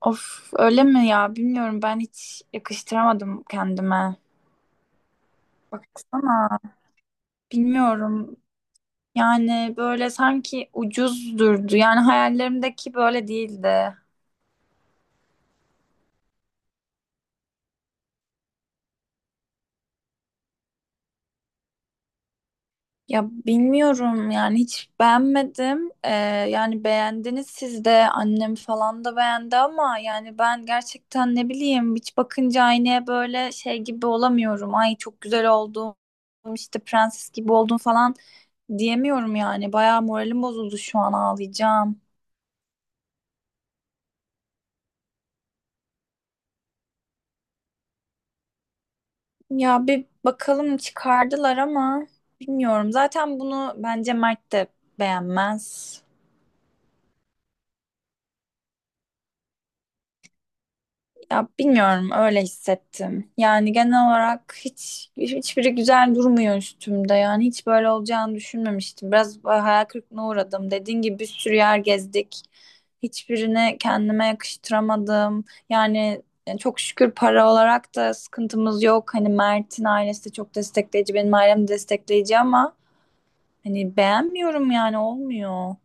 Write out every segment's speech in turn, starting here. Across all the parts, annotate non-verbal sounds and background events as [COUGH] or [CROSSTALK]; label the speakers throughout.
Speaker 1: Of öyle mi ya? Bilmiyorum ben hiç yakıştıramadım kendime. Baksana. Bilmiyorum. Yani böyle sanki ucuz durdu. Yani hayallerimdeki böyle değildi. Ya bilmiyorum yani hiç beğenmedim. Yani beğendiniz siz de annem falan da beğendi ama yani ben gerçekten ne bileyim hiç bakınca aynaya böyle şey gibi olamıyorum. Ay çok güzel oldum işte prenses gibi oldum falan diyemiyorum yani. Bayağı moralim bozuldu şu an ağlayacağım. Ya bir bakalım çıkardılar ama bilmiyorum. Zaten bunu bence Mert de beğenmez. Ya bilmiyorum öyle hissettim. Yani genel olarak hiçbiri güzel durmuyor üstümde. Yani hiç böyle olacağını düşünmemiştim. Biraz hayal kırıklığına uğradım. Dediğin gibi bir sürü yer gezdik. Hiçbirini kendime yakıştıramadım. Yani çok şükür para olarak da sıkıntımız yok. Hani Mert'in ailesi de çok destekleyici, benim ailem de destekleyici ama hani beğenmiyorum yani olmuyor.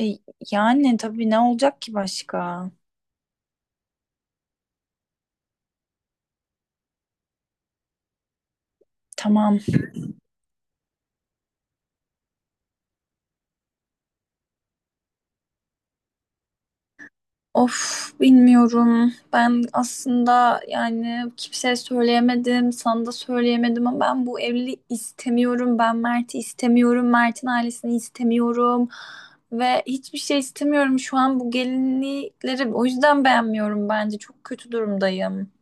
Speaker 1: E, yani tabii ne olacak ki başka? Tamam. Of bilmiyorum. Ben aslında yani kimseye söyleyemedim, sana da söyleyemedim ama ben bu evliliği istemiyorum. Ben Mert'i istemiyorum, Mert'in ailesini istemiyorum ve hiçbir şey istemiyorum. Şu an bu gelinlikleri o yüzden beğenmiyorum bence. Çok kötü durumdayım.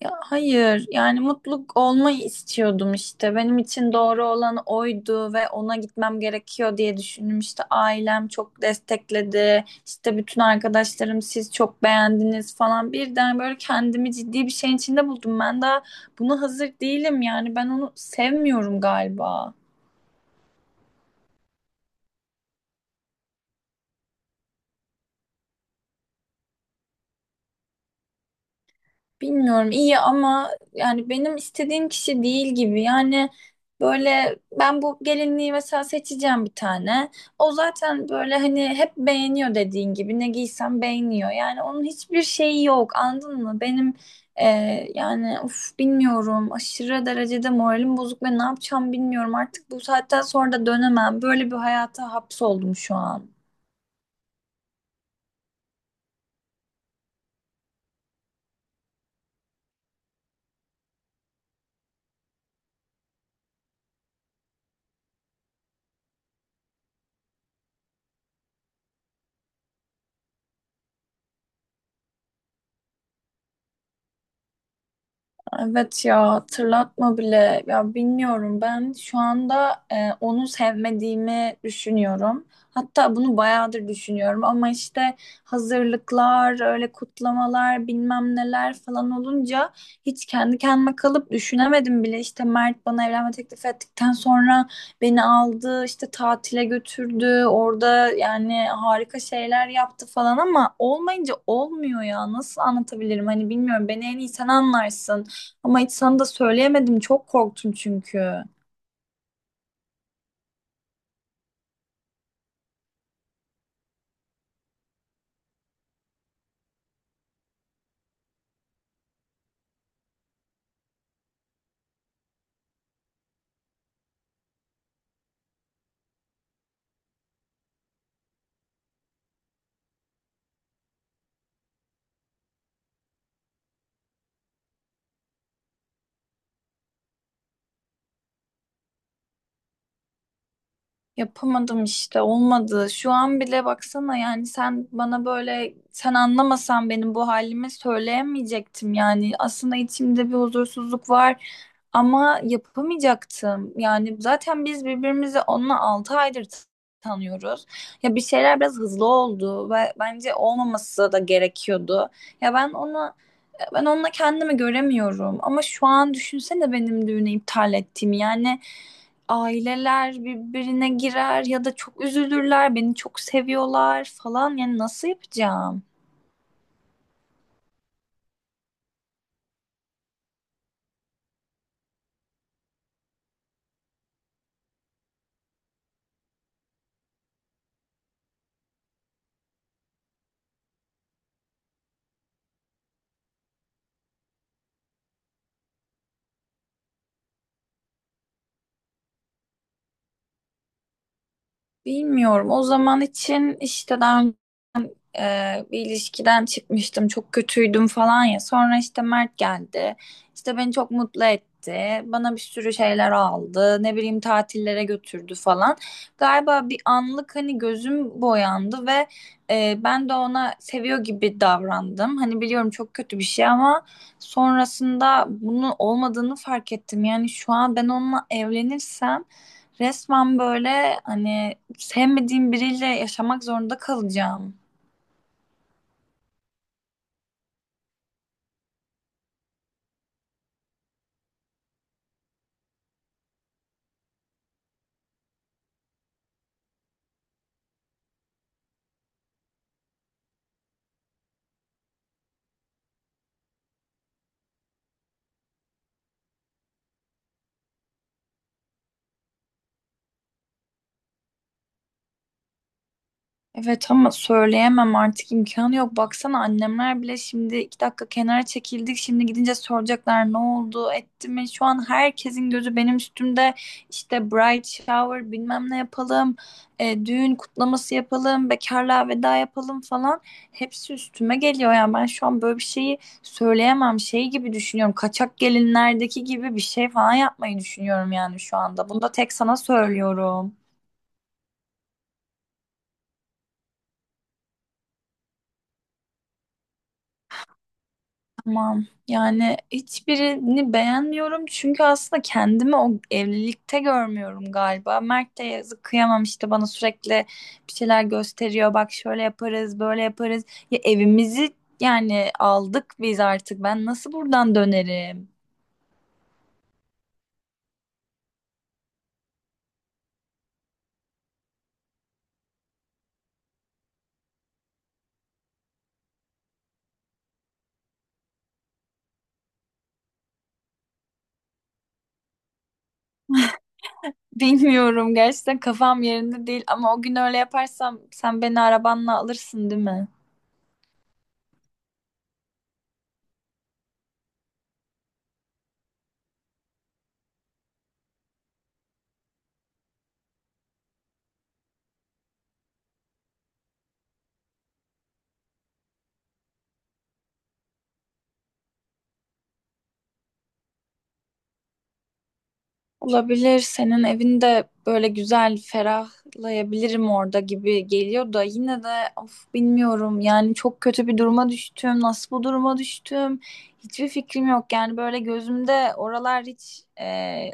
Speaker 1: Ya hayır, yani mutluluk olmayı istiyordum işte. Benim için doğru olan oydu ve ona gitmem gerekiyor diye düşündüm. İşte ailem çok destekledi. İşte bütün arkadaşlarım siz çok beğendiniz falan. Birden böyle kendimi ciddi bir şeyin içinde buldum. Ben daha buna hazır değilim yani. Ben onu sevmiyorum galiba. Bilmiyorum iyi ama yani benim istediğim kişi değil gibi. Yani böyle ben bu gelinliği mesela seçeceğim bir tane. O zaten böyle hani hep beğeniyor dediğin gibi ne giysem beğeniyor. Yani onun hiçbir şeyi yok anladın mı? Benim e, yani uf bilmiyorum aşırı derecede moralim bozuk ve ne yapacağım bilmiyorum. Artık bu saatten sonra da dönemem. Böyle bir hayata hapsoldum şu an. Evet ya hatırlatma bile ya bilmiyorum ben şu anda onu sevmediğimi düşünüyorum. Hatta bunu bayağıdır düşünüyorum ama işte hazırlıklar, öyle kutlamalar, bilmem neler falan olunca hiç kendi kendime kalıp düşünemedim bile. İşte Mert bana evlenme teklif ettikten sonra beni aldı, işte tatile götürdü, orada yani harika şeyler yaptı falan ama olmayınca olmuyor ya. Nasıl anlatabilirim? Hani bilmiyorum beni en iyi sen anlarsın. Ama hiç sana da söyleyemedim. Çok korktum çünkü. Yapamadım işte olmadı. Şu an bile baksana yani sen bana böyle sen anlamasan benim bu halimi söyleyemeyecektim yani. Aslında içimde bir huzursuzluk var ama yapamayacaktım. Yani zaten biz birbirimizi onunla 6 aydır tanıyoruz. Ya bir şeyler biraz hızlı oldu ve bence olmaması da gerekiyordu. Ya ben onu Ben onunla kendimi göremiyorum. Ama şu an düşünsene benim düğünü iptal ettiğimi. Yani aileler birbirine girer ya da çok üzülürler, beni çok seviyorlar falan. Yani nasıl yapacağım? Bilmiyorum. O zaman için işte daha e, bir ilişkiden çıkmıştım çok kötüydüm falan ya sonra işte Mert geldi işte beni çok mutlu etti bana bir sürü şeyler aldı ne bileyim tatillere götürdü falan galiba bir anlık hani gözüm boyandı ve ben de ona seviyor gibi davrandım hani biliyorum çok kötü bir şey ama sonrasında bunun olmadığını fark ettim yani şu an ben onunla evlenirsem resmen böyle hani sevmediğim biriyle yaşamak zorunda kalacağım. Evet ama söyleyemem artık imkanı yok. Baksana annemler bile şimdi 2 dakika kenara çekildik. Şimdi gidince soracaklar ne oldu etti mi? Şu an herkesin gözü benim üstümde. İşte bright shower bilmem ne yapalım. Düğün kutlaması yapalım. Bekarlığa veda yapalım falan. Hepsi üstüme geliyor. Yani ben şu an böyle bir şeyi söyleyemem. Şey gibi düşünüyorum. Kaçak gelinlerdeki gibi bir şey falan yapmayı düşünüyorum yani şu anda. Bunu da tek sana söylüyorum. Tamam. Yani hiçbirini beğenmiyorum çünkü aslında kendimi o evlilikte görmüyorum galiba. Mert de yazık kıyamam işte bana sürekli bir şeyler gösteriyor. Bak şöyle yaparız, böyle yaparız. Ya evimizi Yani aldık biz artık. Ben nasıl buradan dönerim? [LAUGHS] Bilmiyorum gerçekten kafam yerinde değil ama o gün öyle yaparsam sen beni arabanla alırsın değil mi? Olabilir. Senin evinde böyle güzel ferahlayabilirim orada gibi geliyor da yine de of bilmiyorum. Yani çok kötü bir duruma düştüm. Nasıl bu duruma düştüm? Hiçbir fikrim yok. Yani böyle gözümde oralar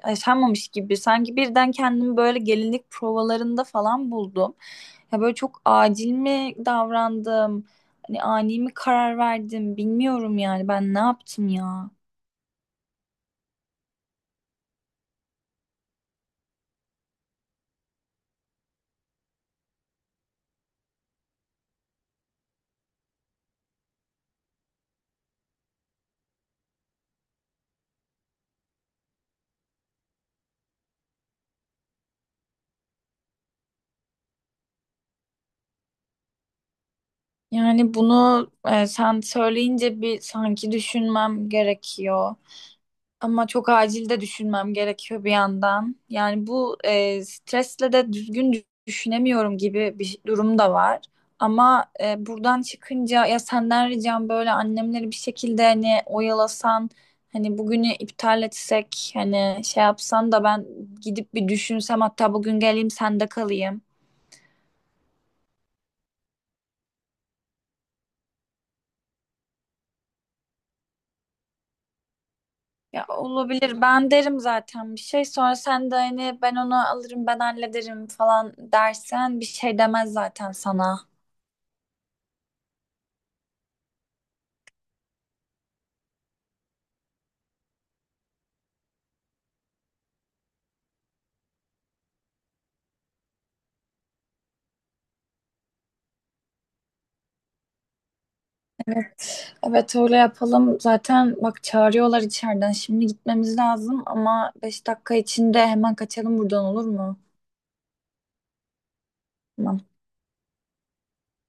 Speaker 1: yaşanmamış gibi. Sanki birden kendimi böyle gelinlik provalarında falan buldum. Ya böyle çok acil mi davrandım? Hani ani mi karar verdim? Bilmiyorum yani ben ne yaptım ya. Yani bunu sen söyleyince bir sanki düşünmem gerekiyor. Ama çok acil de düşünmem gerekiyor bir yandan. Yani bu stresle de düzgün düşünemiyorum gibi bir durum da var. Ama buradan çıkınca ya senden ricam böyle annemleri bir şekilde hani oyalasan, hani bugünü iptal etsek, hani şey yapsan da ben gidip bir düşünsem hatta bugün geleyim sende kalayım. Ya olabilir. Ben derim zaten bir şey. Sonra sen de hani ben onu alırım ben hallederim falan dersen bir şey demez zaten sana. Evet öyle yapalım. Zaten bak çağırıyorlar içeriden. Şimdi gitmemiz lazım ama 5 dakika içinde hemen kaçalım buradan olur mu? Tamam.